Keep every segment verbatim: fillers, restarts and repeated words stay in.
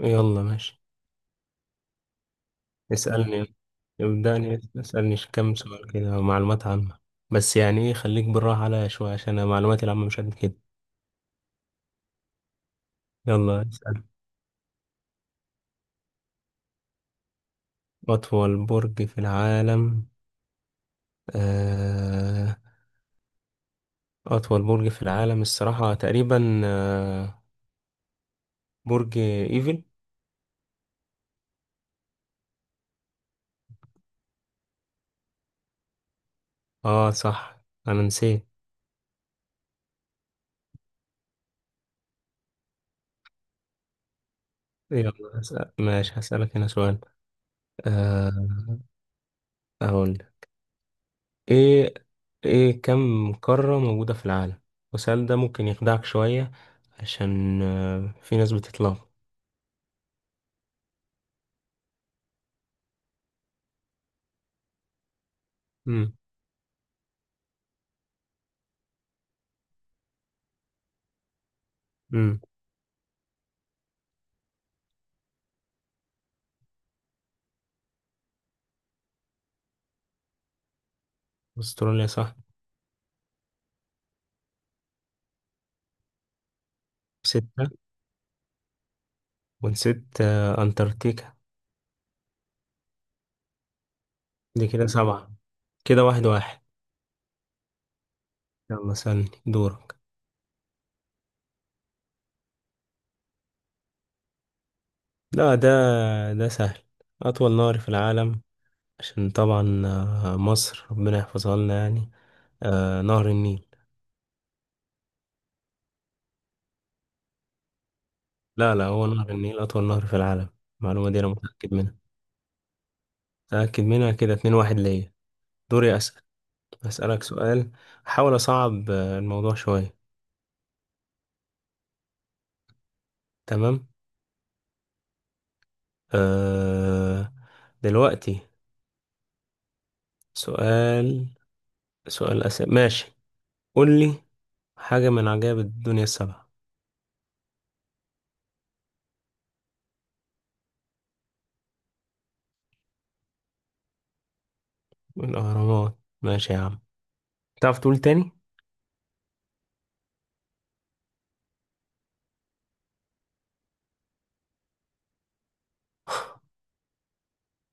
يلا ماشي. اسألني. ابدأني اسألني كم سؤال كده، معلومات عامة. بس يعني ايه، خليك بالراحة عليا شوية، عشان أنا معلوماتي العامة مش قد كده. يلا اسأل. أطول برج في العالم؟ آه أطول برج في العالم الصراحة تقريبا آه برج إيفل. اه صح، أنا نسيت. يلا اسأل. ماشي، هسألك هنا سؤال. آه أقول ايه، ايه كم قارة موجودة في العالم؟ والسؤال ده ممكن يخدعك شوية، عشان آه، في ناس بتتلخبط. امم امم استراليا صح. ستة. ونسيت آه، انتاركتيكا. دي كده سبعة، كده واحد واحد. يلا سألني، دورك. لا، ده ده سهل. أطول نهر في العالم. عشان طبعا آه، مصر ربنا يحفظها لنا يعني. آه، نهر النيل. لا لا، هو نهر النيل أطول نهر في العالم. المعلومة دي أنا متأكد منها. متأكد منها. كده اتنين واحد ليا. دوري أسأل. هسألك سؤال، أحاول أصعب آه، الموضوع شوية. تمام. أه دلوقتي سؤال سؤال أسئلة، ماشي. قول لي حاجة من عجائب الدنيا السبعة. الأهرامات، ماشي يا عم. تعرف تقول تاني؟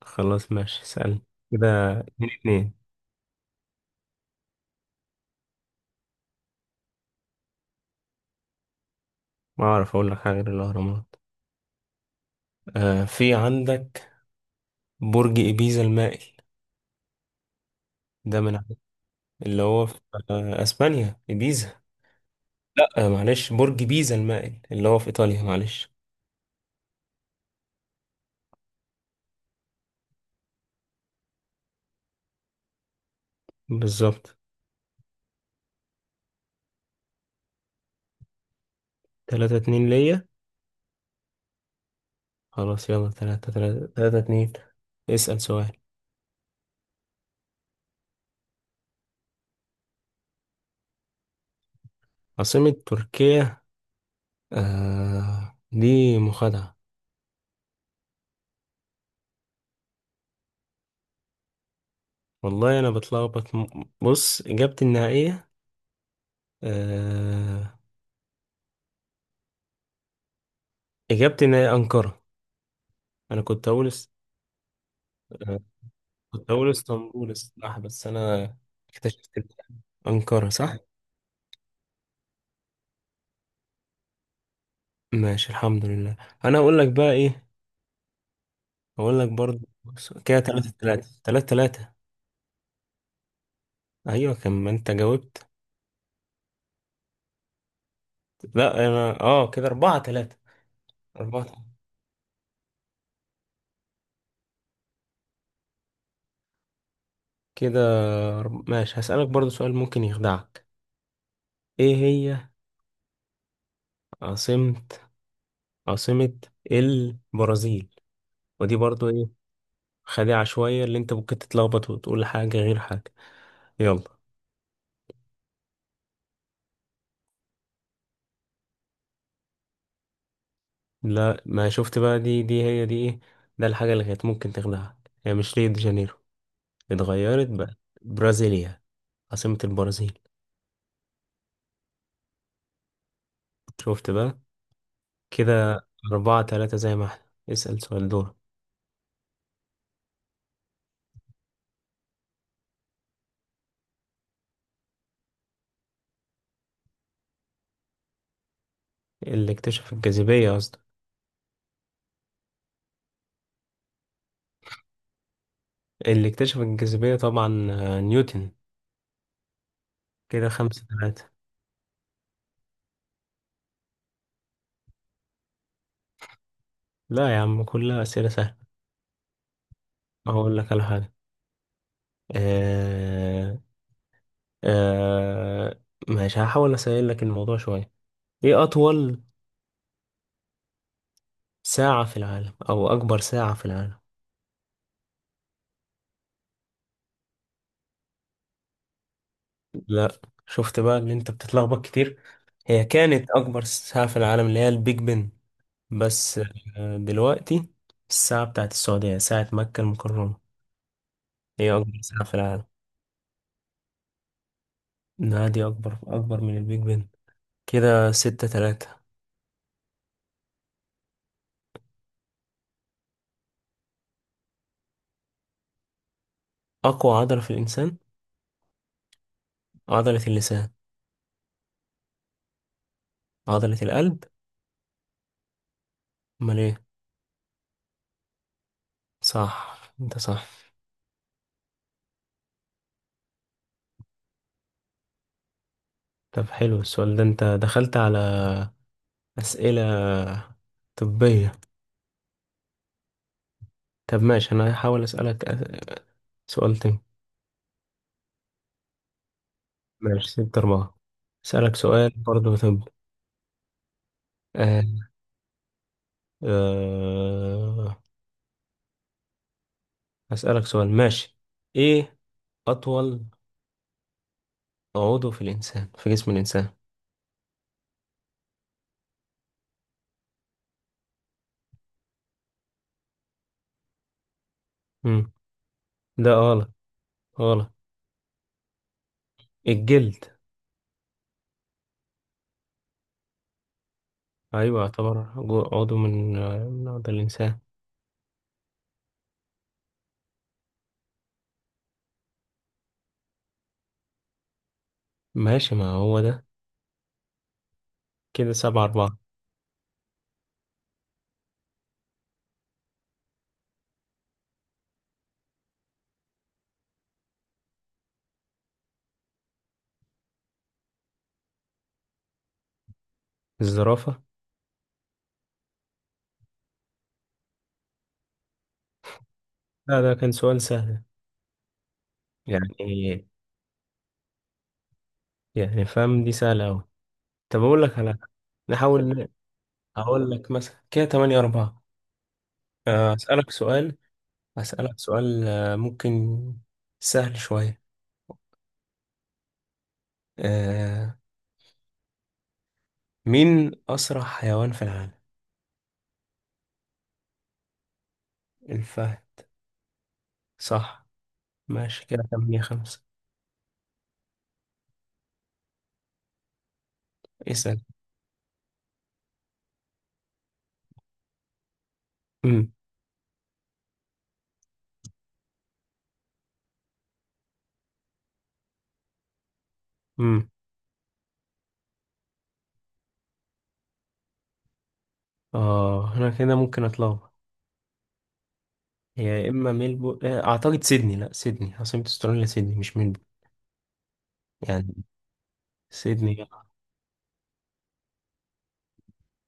خلاص ماشي، اسألني. كده اتنين اتنين. ما أعرف أقول لك حاجة غير الأهرامات. أه في عندك برج إبيزا المائل. ده من عند- اللي هو في آه، أسبانيا إبيزا. لأ آه، معلش، برج بيزا المائل اللي هو في إيطاليا، معلش. بالظبط. تلاتة اتنين ليا. خلاص يلا، تلاتة تلاتة تلاتة اتنين. اسأل سؤال. عاصمة تركيا؟ آه دي مخادعة. والله أنا بتلخبط، م- بص، إجابتي النهائية. آه إجابتي النهائية أنقرة. أنا كنت أقول است... آه كنت أقول اسطنبول الصراحة، بس أنا اكتشفت إن أنقرة صح؟ ماشي الحمد لله. أنا أقول لك بقى إيه، أقول لك برضه. بص، كده تلاتة تلاتة تلاتة تلاتة. أيوة كان، ما أنت جاوبت. لا انا، اه كده اربعة تلاتة. اربعة تلاتة. كده أرب... ماشي، هسألك برضو سؤال ممكن يخدعك. ايه هي عاصمة عاصمة البرازيل؟ ودي برضو ايه، خادعة شوية، اللي انت ممكن تتلخبط وتقول حاجة غير حاجة. يلا. لا، ما شفت بقى؟ دي دي هي دي ايه. ده الحاجة اللي كانت ممكن تخدعك، هي مش ريو دي جانيرو، اتغيرت بقى. برازيليا عاصمة البرازيل. شفت بقى؟ كده أربعة تلاتة، زي ما احنا. اسأل سؤال، دور. اللي اكتشف الجاذبية، قصدي. اللي اكتشف الجاذبية طبعا آه، نيوتن. كده خمسة ثلاثة. لا يا عم، كلها أسئلة سهلة. هقول لك على حاجة. آه آه ماشي، هحاول أسهل لك الموضوع شوية. إيه أطول ساعة في العالم، أو أكبر ساعة في العالم؟ لا، شفت بقى إن أنت بتتلخبط كتير. هي كانت أكبر ساعة في العالم اللي هي البيج بن بس. آه دلوقتي الساعة بتاعت السعودية، ساعة مكة المكرمة، هي أكبر ساعة في العالم. لا، دي أكبر، أكبر من البيج بن. كده ستة تلاتة. أقوى عضلة في الإنسان؟ عضلة اللسان. عضلة القلب. أمال إيه؟ صح، أنت صح. طب حلو السؤال ده، أنت دخلت على أسئلة طبية. طب ماشي، أنا هحاول أسألك أس- سؤال تاني. ماشي ستة أربعة. أسألك سؤال برضه، طب. آه. آه. أسألك سؤال ماشي. إيه أطول عضو في الإنسان في جسم الإنسان؟ مم. ده غلط. غلط. الجلد. أيوة، يعتبر جو- عضو من من أعضاء الإنسان. ماشي ما هو ده. كده سبعة أربعة. الزرافة. لا ده كان سؤال سهل يعني. يعني فاهم، دي سهلة أوي. طب أقول لك على حاجة. نحاول ن- أقول لك مثلا كده تمانية أربعة. آه، أسألك سؤال. أسألك سؤال آه، ممكن سهل شوية. آه، مين أسرع حيوان في العالم؟ الفهد. صح. ماشي كده تمانية خمسة. اسأل. أمم أمم آه هنا كده ممكن أتلخبط. هي يا اما ميلبو، آه، اعتقد سيدني. لا، سيدني عاصمة استراليا، سيدني مش ميلبو. يعني سيدني.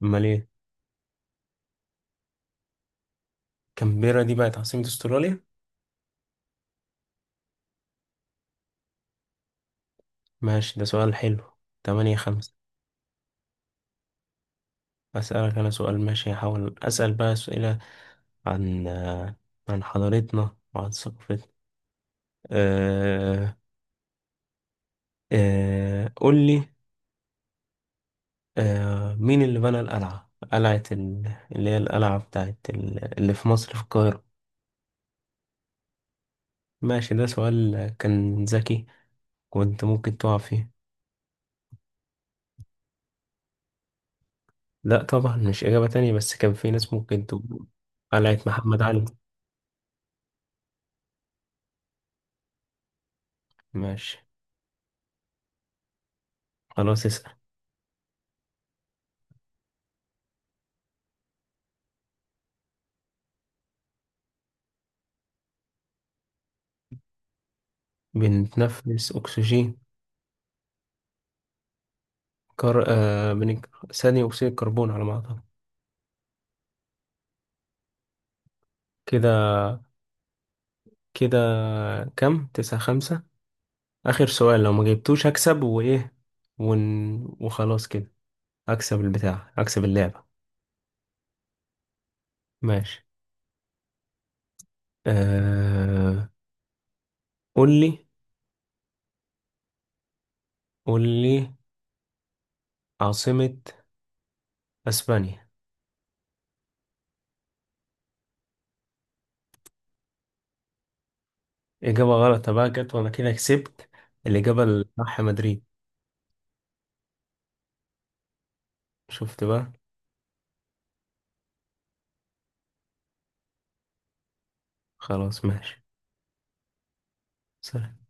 امال ايه؟ كامبيرا دي بقت عاصمة استراليا. ماشي ده سؤال حلو. تمانية خمسة. اسألك انا سؤال. ماشي، هحاول اسأل بقى اسئلة عن آه، عن حضارتنا وعن ثقافتنا. أه أه قول لي. أه مين اللي بنى القلعة، قلعة ال- اللي هي القلعة بتاعت ال- اللي في مصر في القاهرة؟ ماشي ده سؤال كان ذكي، كنت ممكن تقع فيه. لا طبعا مش إجابة تانية، بس كان في ناس ممكن تقول قلعة محمد علي. ماشي. خلاص اسأل. بنتنفس أكسجين. كر... آه بنك... ثاني أكسيد الكربون على ما أعتقد. كده كده كم تسعة خمسة. آخر سؤال، لو ما جبتوش هكسب. وإيه ون... وخلاص كده، أكسب البتاع أكسب اللعبة. ماشي. آه... قول لي، قول لي عاصمة أسبانيا. إجابة غلط بقى جت، وأنا كده كسبت. الإجابة الصح مدريد. شفت بقى؟ خلاص ماشي. سلام.